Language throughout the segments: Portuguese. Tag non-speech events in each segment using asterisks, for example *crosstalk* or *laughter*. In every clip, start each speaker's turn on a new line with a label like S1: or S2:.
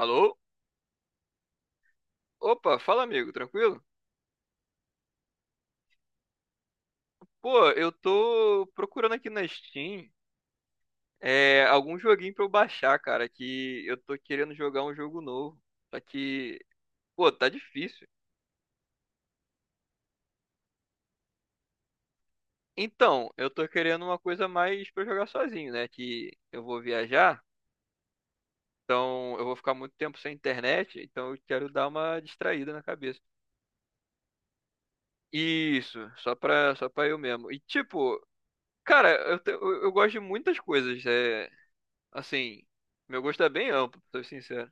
S1: Alô? Opa, fala amigo, tranquilo? Pô, eu tô procurando aqui na Steam algum joguinho pra eu baixar, cara, que eu tô querendo jogar um jogo novo. Só que, pô, tá difícil. Então, eu tô querendo uma coisa mais pra eu jogar sozinho, né? Que eu vou viajar, então eu vou ficar muito tempo sem internet, então eu quero dar uma distraída na cabeça. Isso, só pra eu mesmo. E tipo, cara, eu gosto de muitas coisas. Assim, meu gosto é bem amplo, pra ser sincero.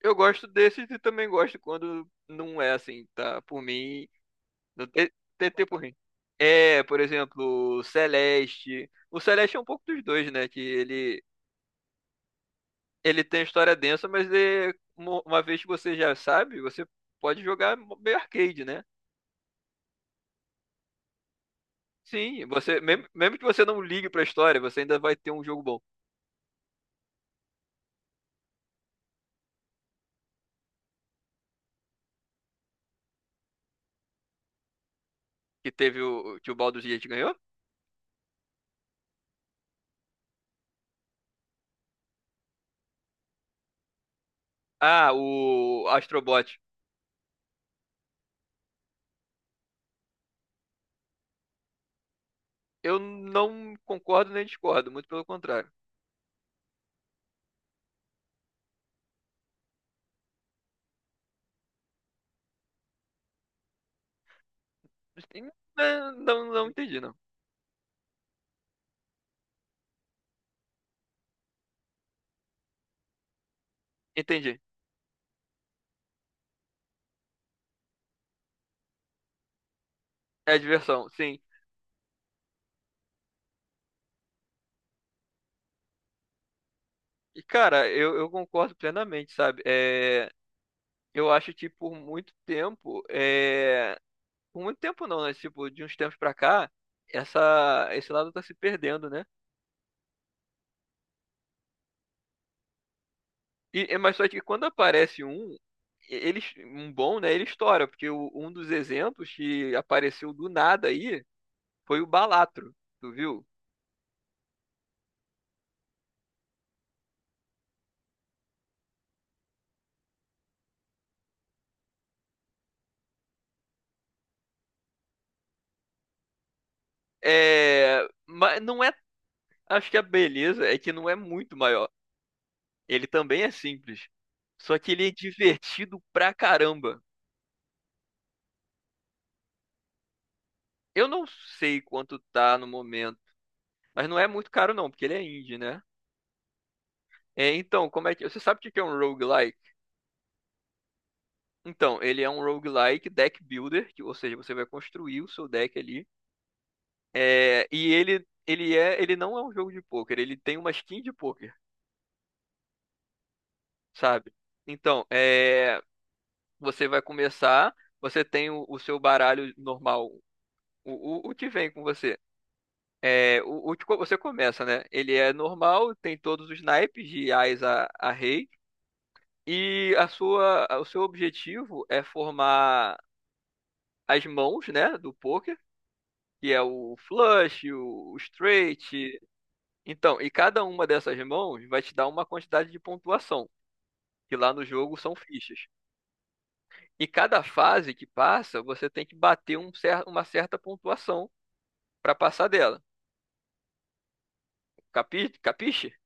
S1: Eu gosto desses e também gosto quando não é assim, tá? Por mim, não tem, tem tempo ruim. É, por exemplo, o Celeste. O Celeste é um pouco dos dois, né? Ele tem história densa, mas uma vez que você já sabe, você pode jogar meio arcade, né? Sim, você mesmo, mesmo que você não ligue pra história, você ainda vai ter um jogo bom. Que teve o que o Baldur's Gate ganhou? Ah, o Astrobot. Eu não concordo nem discordo, muito pelo contrário. Assim, né, não, não entendi, não. Entendi. É diversão, sim. E, cara, eu concordo plenamente, sabe? Eu acho que por muito tempo, por muito tempo não, né? Tipo, de uns tempos pra cá, esse lado tá se perdendo, né? Mas só que quando aparece um, ele, um bom, né? Ele estoura, porque um dos exemplos que apareceu do nada aí foi o Balatro, tu viu? É, mas não é Acho que a beleza é que não é muito maior. Ele também é simples. Só que ele é divertido pra caramba. Eu não sei quanto tá no momento, mas não é muito caro não, porque ele é indie, né? É, então, como é que... Você sabe o que que é um roguelike? Então, ele é um roguelike deck builder, ou seja, você vai construir o seu deck ali. Ele é, ele não é um jogo de pôquer, ele tem uma skin de pôquer, sabe? Então, é, você vai começar, você tem o seu baralho normal. O, o que vem com você? É, você começa, né? Ele é normal, tem todos os naipes de ás a rei. E o seu objetivo é formar as mãos, né, do poker, que é o flush, o straight. Então, e cada uma dessas mãos vai te dar uma quantidade de pontuação, que lá no jogo são fichas. E cada fase que passa, você tem que bater um cer uma certa pontuação para passar dela. Capi, capiche?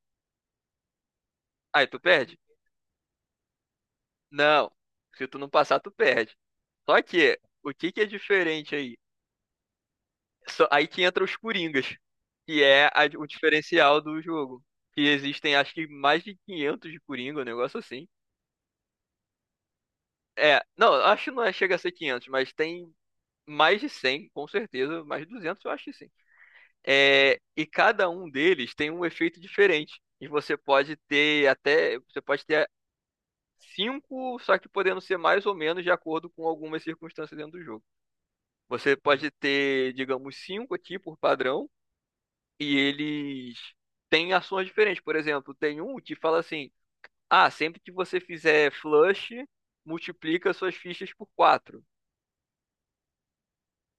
S1: Aí tu perde. Não, se tu não passar, tu perde. Só que, o que que é diferente aí? Só- aí que entra os Coringas, o diferencial do jogo. Que existem, acho que mais de 500 de Coringa, um negócio assim. É, não, acho que não é- chega a ser 500, mas tem mais de 100, com certeza, mais de 200, eu acho que sim. É, e cada um deles tem um efeito diferente. E você pode ter até, você pode ter cinco, só que podendo ser mais ou menos de acordo com algumas circunstâncias dentro do jogo. Você pode ter, digamos, cinco aqui por padrão, e eles têm ações diferentes. Por exemplo, tem um que fala assim: ah, sempre que você fizer flush, multiplica suas fichas por quatro,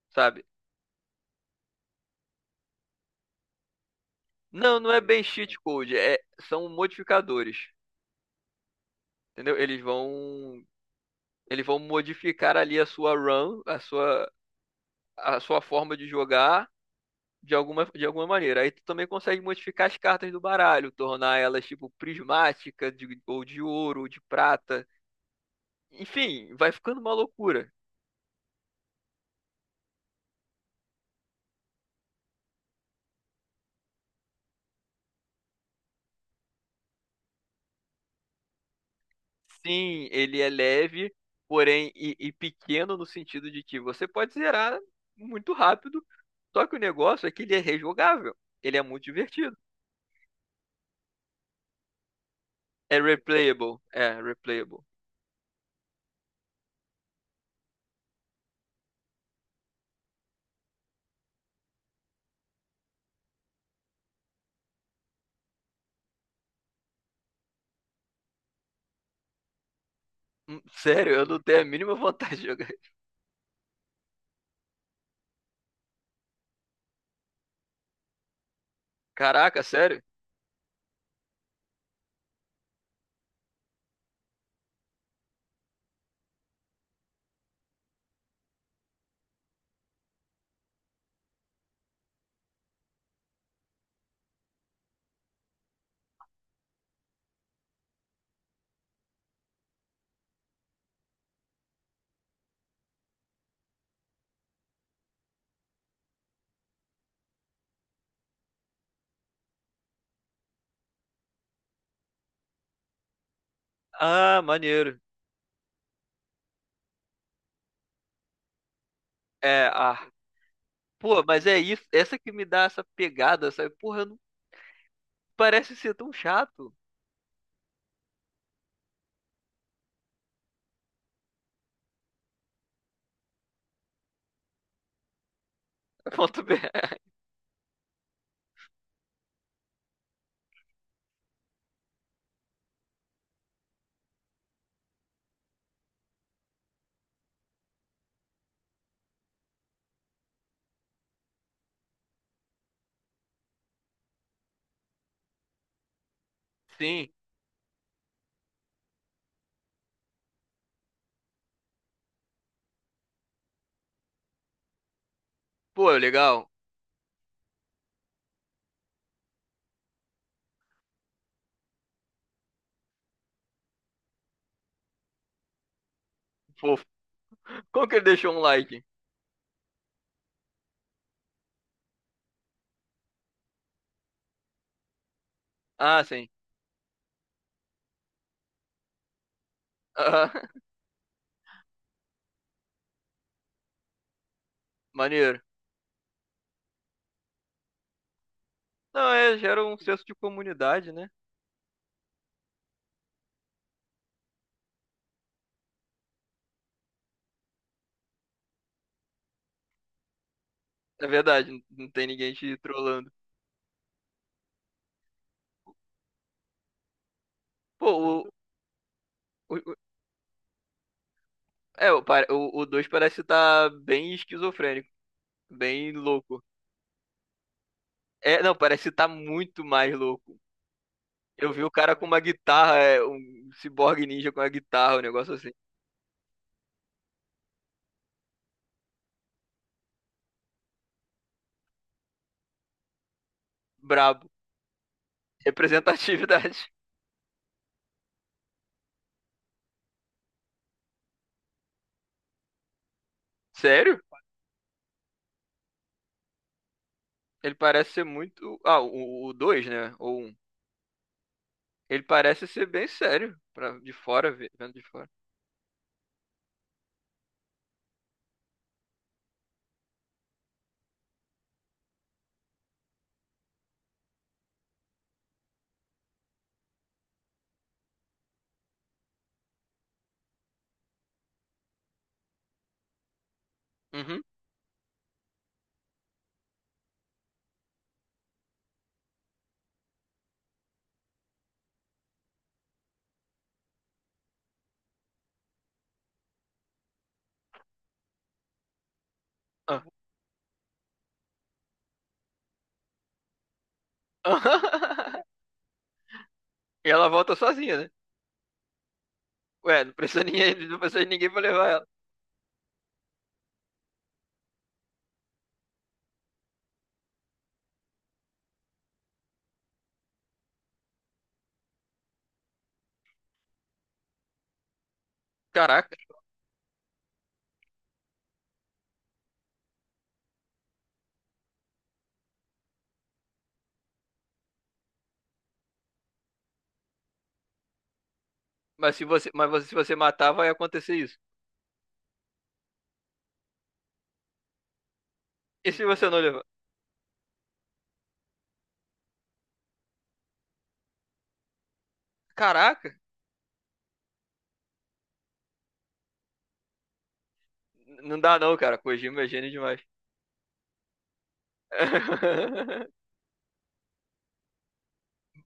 S1: sabe? Não, não é bem cheat code, são modificadores, entendeu? Eles vão modificar ali a sua run, a sua forma de jogar de alguma maneira. Aí tu também consegue modificar as cartas do baralho, tornar elas tipo prismática, ou de ouro, ou de prata. Enfim, vai ficando uma loucura. Sim, ele é leve, porém, e pequeno no sentido de que você pode zerar muito rápido, só que o negócio é que ele é rejogável. Ele é muito divertido. É replayable. É, replayable. Sério, eu não tenho a mínima *laughs* vontade de jogar. Caraca, sério? Ah, maneiro. É, ah, pô, mas é isso, essa que me dá essa pegada, sabe? Porra, não parece ser tão chato. *laughs* Ponto B. Sim. Pô, legal. Fofo. Como que ele deixou um like? Ah, sim. Ah, *laughs* maneiro. Não, é, gera um senso de comunidade, né? É verdade, não não tem ninguém te trolando. Pô, o, o, o- é, o 2 parece estar bem esquizofrênico, bem louco. É, não, parece estar muito mais louco. Eu vi o cara com uma guitarra, é, um ciborgue ninja com uma guitarra, um negócio assim. Brabo. Representatividade. *laughs* Sério? Ele parece ser muito. Ah, o 2 né? Ou um. Ele parece ser bem sério. Pra... De fora, ve- vendo de fora. Uhum. Ah. *laughs* E ela volta sozinha, né? Ué, não precisa *laughs* ninguém, não precisa de ninguém pra levar ela. Caraca. Mas você- se você matar, vai acontecer isso. E se você não levar? Caraca. N- não dá não, cara. Kojima é gênio demais. *laughs*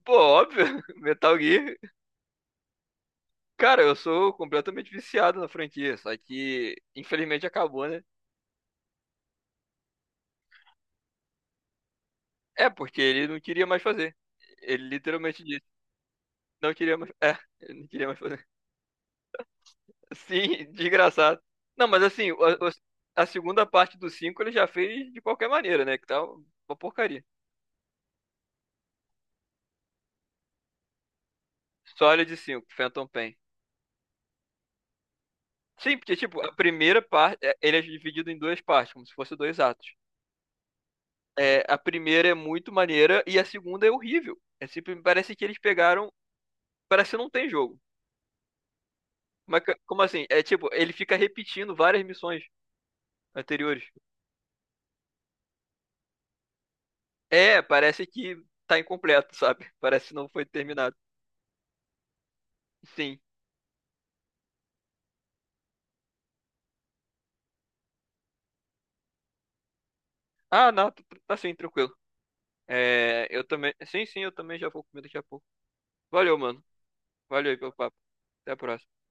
S1: Pô, óbvio. Metal Gear. Cara, eu sou completamente viciado na franquia. Só que, infelizmente, acabou, né? É, porque ele não queria mais fazer. Ele literalmente disse, não queria mais. É, ele não queria mais fazer. *laughs* Sim, desgraçado. Não, mas assim, a segunda parte do 5 ele já fez de qualquer maneira, né? Que tá uma porcaria. Sólido de cinco, Phantom Pain. Sim, porque, tipo, a primeira parte, é, ele é dividido em duas partes, como se fossem dois atos. É, a primeira é muito maneira e a segunda é horrível. É sempre, parece que eles pegaram. Parece que não tem jogo. Mas, que- como assim? É tipo, ele fica repetindo várias missões anteriores. É, parece que tá incompleto, sabe? *laughs* Parece que não foi terminado. Sim. Ah, não, tá tá sim, tranquilo. É, eu também. Sim, sim, eu também já vou comer daqui a pouco. Valeu, mano. Valeu aí pelo papo. Até a próxima.